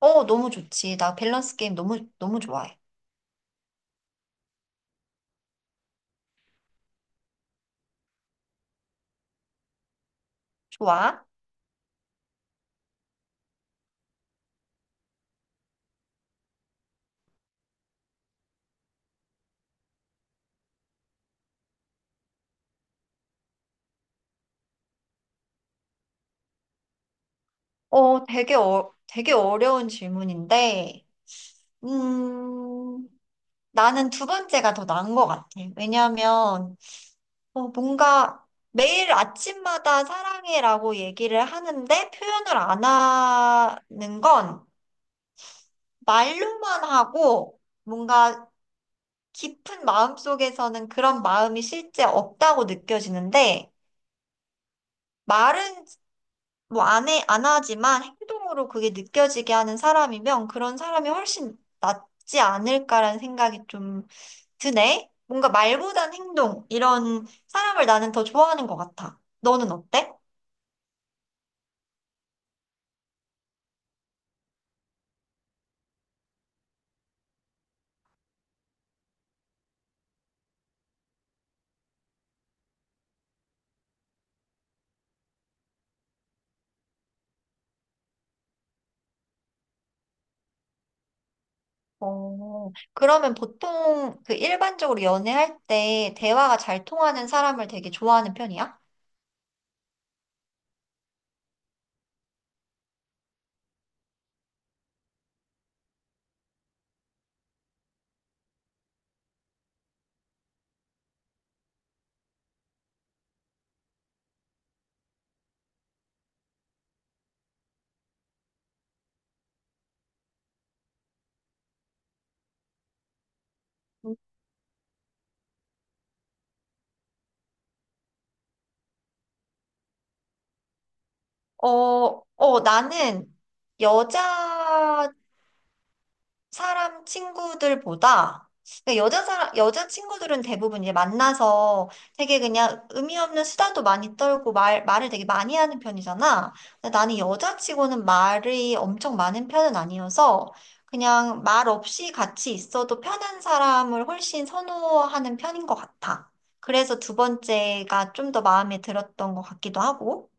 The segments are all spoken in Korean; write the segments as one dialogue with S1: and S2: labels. S1: 너무 좋지. 나 밸런스 게임 너무, 너무 좋아해. 좋아? 되게 어려운 질문인데, 음, 나는 두 번째가 더 나은 것 같아. 왜냐하면, 어, 뭔가 매일 아침마다 사랑해라고 얘기를 하는데 표현을 안 하는 건 말로만 하고 뭔가 깊은 마음속에서는 그런 마음이 실제 없다고 느껴지는데, 말은 뭐 안 하지만 행동으로 그게 느껴지게 하는 사람이면 그런 사람이 훨씬 낫지 않을까라는 생각이 좀 드네. 뭔가 말보단 행동, 이런 사람을 나는 더 좋아하는 것 같아. 너는 어때? 어, 그러면 보통 그 일반적으로 연애할 때 대화가 잘 통하는 사람을 되게 좋아하는 편이야? 나는 여자 사람 친구들보다 그러니까 여자 친구들은 대부분 이제 만나서 되게 그냥 의미 없는 수다도 많이 떨고 말 말을 되게 많이 하는 편이잖아. 근데 나는 여자치고는 말이 엄청 많은 편은 아니어서 그냥 말 없이 같이 있어도 편한 사람을 훨씬 선호하는 편인 것 같아. 그래서 두 번째가 좀 더 마음에 들었던 것 같기도 하고.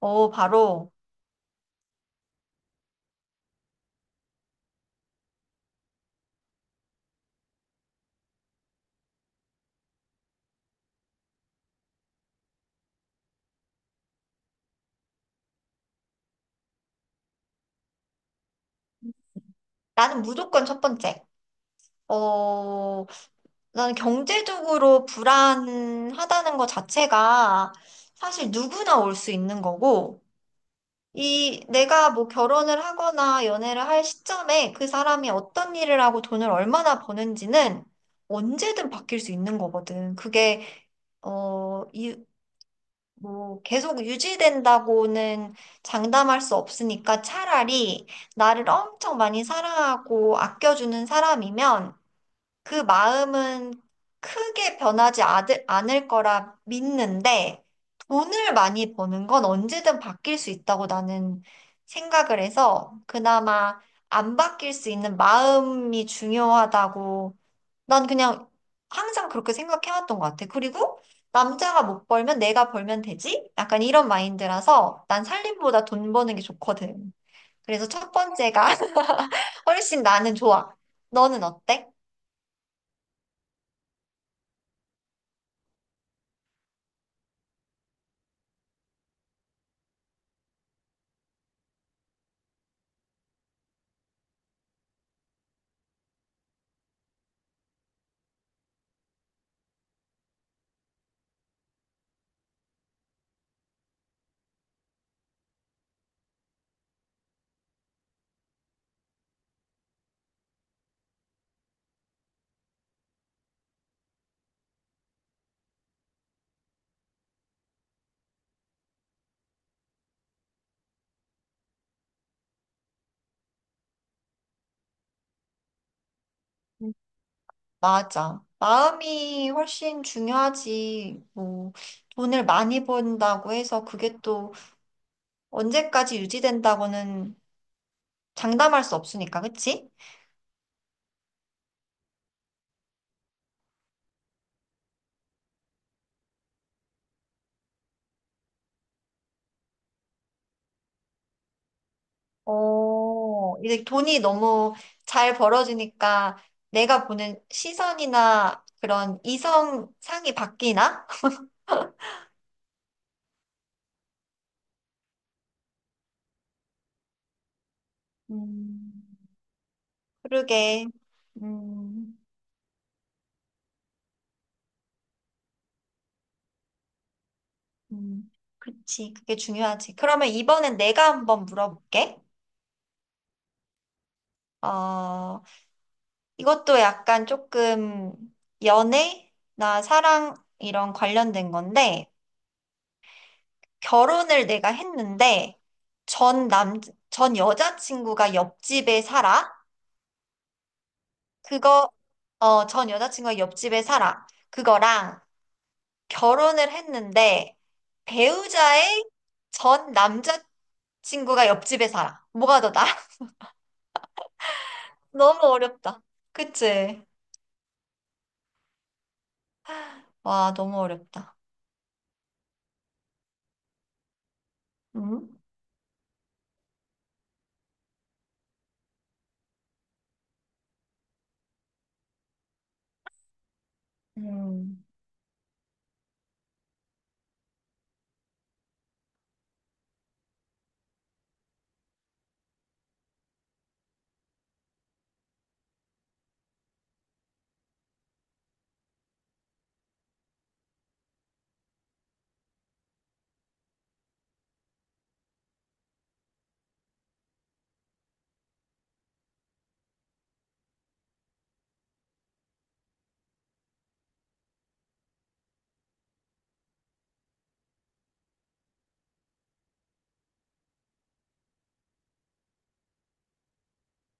S1: 어, 바로 나는 무조건 첫 번째. 어, 나는 경제적으로 불안하다는 것 자체가 사실 누구나 올 수 있는 거고, 이 내가 뭐 결혼을 하거나 연애를 할 시점에 그 사람이 어떤 일을 하고 돈을 얼마나 버는지는 언제든 바뀔 수 있는 거거든. 그게, 어, 이, 뭐, 계속 유지된다고는 장담할 수 없으니까 차라리 나를 엄청 많이 사랑하고 아껴주는 사람이면 그 마음은 크게 변하지 아 않을 거라 믿는데 돈을 많이 버는 건 언제든 바뀔 수 있다고 나는 생각을 해서 그나마 안 바뀔 수 있는 마음이 중요하다고 난 그냥 항상 그렇게 생각해왔던 것 같아. 그리고 남자가 못 벌면 내가 벌면 되지? 약간 이런 마인드라서 난 살림보다 돈 버는 게 좋거든. 그래서 첫 번째가 훨씬 나는 좋아. 너는 어때? 맞아. 마음이 훨씬 중요하지. 뭐, 돈을 많이 번다고 해서 그게 또 언제까지 유지된다고는 장담할 수 없으니까, 그치? 어, 이제 돈이 너무 잘 벌어지니까 내가 보는 시선이나 그런 이성 상이 바뀌나? 음, 그러게. 음, 음, 그치. 그게 중요하지. 그러면 이번엔 내가 한번 물어볼게. 어, 이것도 약간 조금 연애나 사랑 이런 관련된 건데, 결혼을 내가 했는데, 전 남, 전 여자친구가 옆집에 살아? 그거, 어, 전 여자친구가 옆집에 살아. 그거랑 결혼을 했는데, 배우자의 전 남자친구가 옆집에 살아. 뭐가 더 나아? 너무 어렵다. 그치? 와, 너무 어렵다. 음? 음.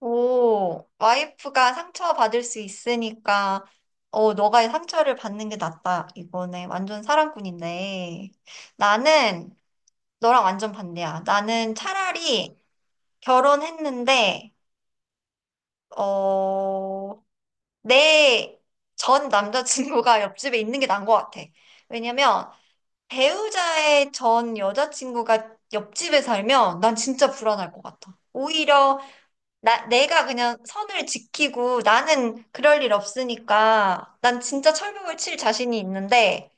S1: 오, 와이프가 상처받을 수 있으니까, 어, 너가 상처를 받는 게 낫다. 이거네. 완전 사랑꾼인데. 나는 너랑 완전 반대야. 나는 차라리 결혼했는데, 어, 내 전 남자친구가 옆집에 있는 게 나은 것 같아. 왜냐면, 배우자의 전 여자친구가 옆집에 살면 난 진짜 불안할 것 같아. 오히려 내가 그냥 선을 지키고 나는 그럴 일 없으니까 난 진짜 철벽을 칠 자신이 있는데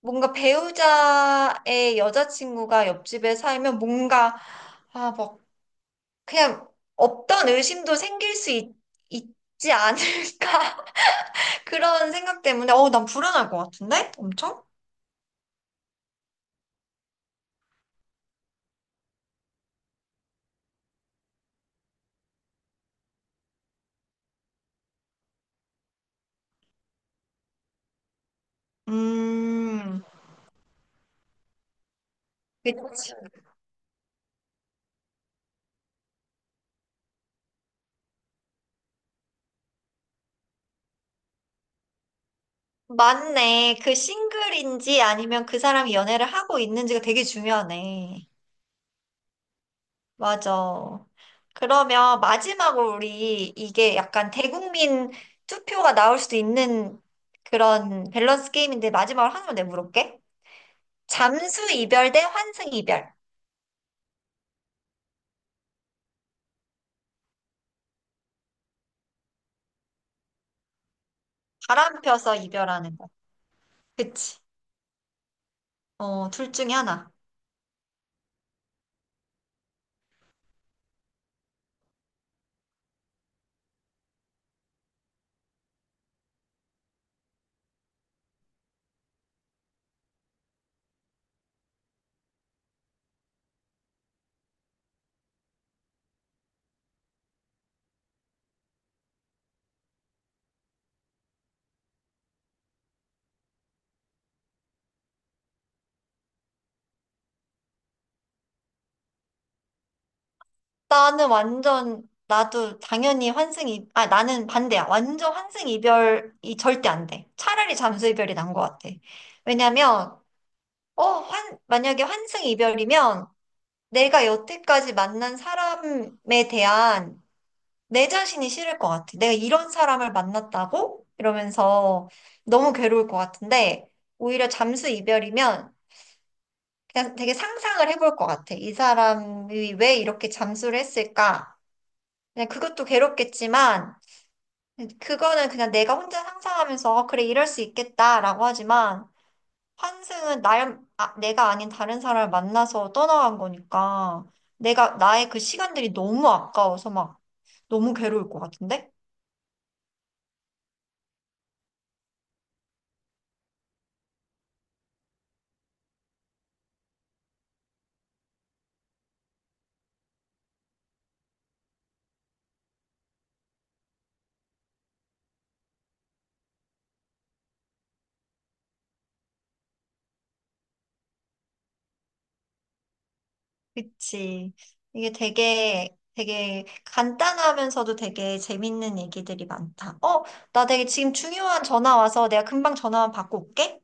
S1: 뭔가 배우자의 여자친구가 옆집에 살면 뭔가 아, 막 그냥 없던 의심도 있지 않을까 그런 생각 때문에 어, 난 불안할 것 같은데? 엄청? 음, 그치. 맞네. 그 싱글인지 아니면 그 사람이 연애를 하고 있는지가 되게 중요하네. 맞아. 그러면 마지막으로 우리 이게 약간 대국민 투표가 나올 수도 있는 그런 밸런스 게임인데 마지막으로 하나만 내가 물어볼게. 잠수 이별 대 환승 이별. 바람 펴서 이별하는 거. 그치. 어, 둘 중에 하나. 나는 완전, 나도 당연히 환승 이, 아, 나는 반대야. 완전 환승 이별이 절대 안 돼. 차라리 잠수 이별이 난 것 같아. 왜냐면, 만약에 환승 이별이면 내가 여태까지 만난 사람에 대한 내 자신이 싫을 것 같아. 내가 이런 사람을 만났다고? 이러면서 너무 괴로울 것 같은데, 오히려 잠수 이별이면 그냥 되게 상상을 해볼 것 같아. 이 사람이 왜 이렇게 잠수를 했을까? 그냥 그것도 괴롭겠지만, 그거는 그냥 내가 혼자 상상하면서, 어, 그래, 이럴 수 있겠다라고 하지만, 내가 아닌 다른 사람을 만나서 떠나간 거니까 내가 나의 그 시간들이 너무 아까워서 막 너무 괴로울 것 같은데? 그치. 이게 되게 간단하면서도 되게 재밌는 얘기들이 많다. 어, 나 되게 지금 중요한 전화 와서 내가 금방 전화만 받고 올게.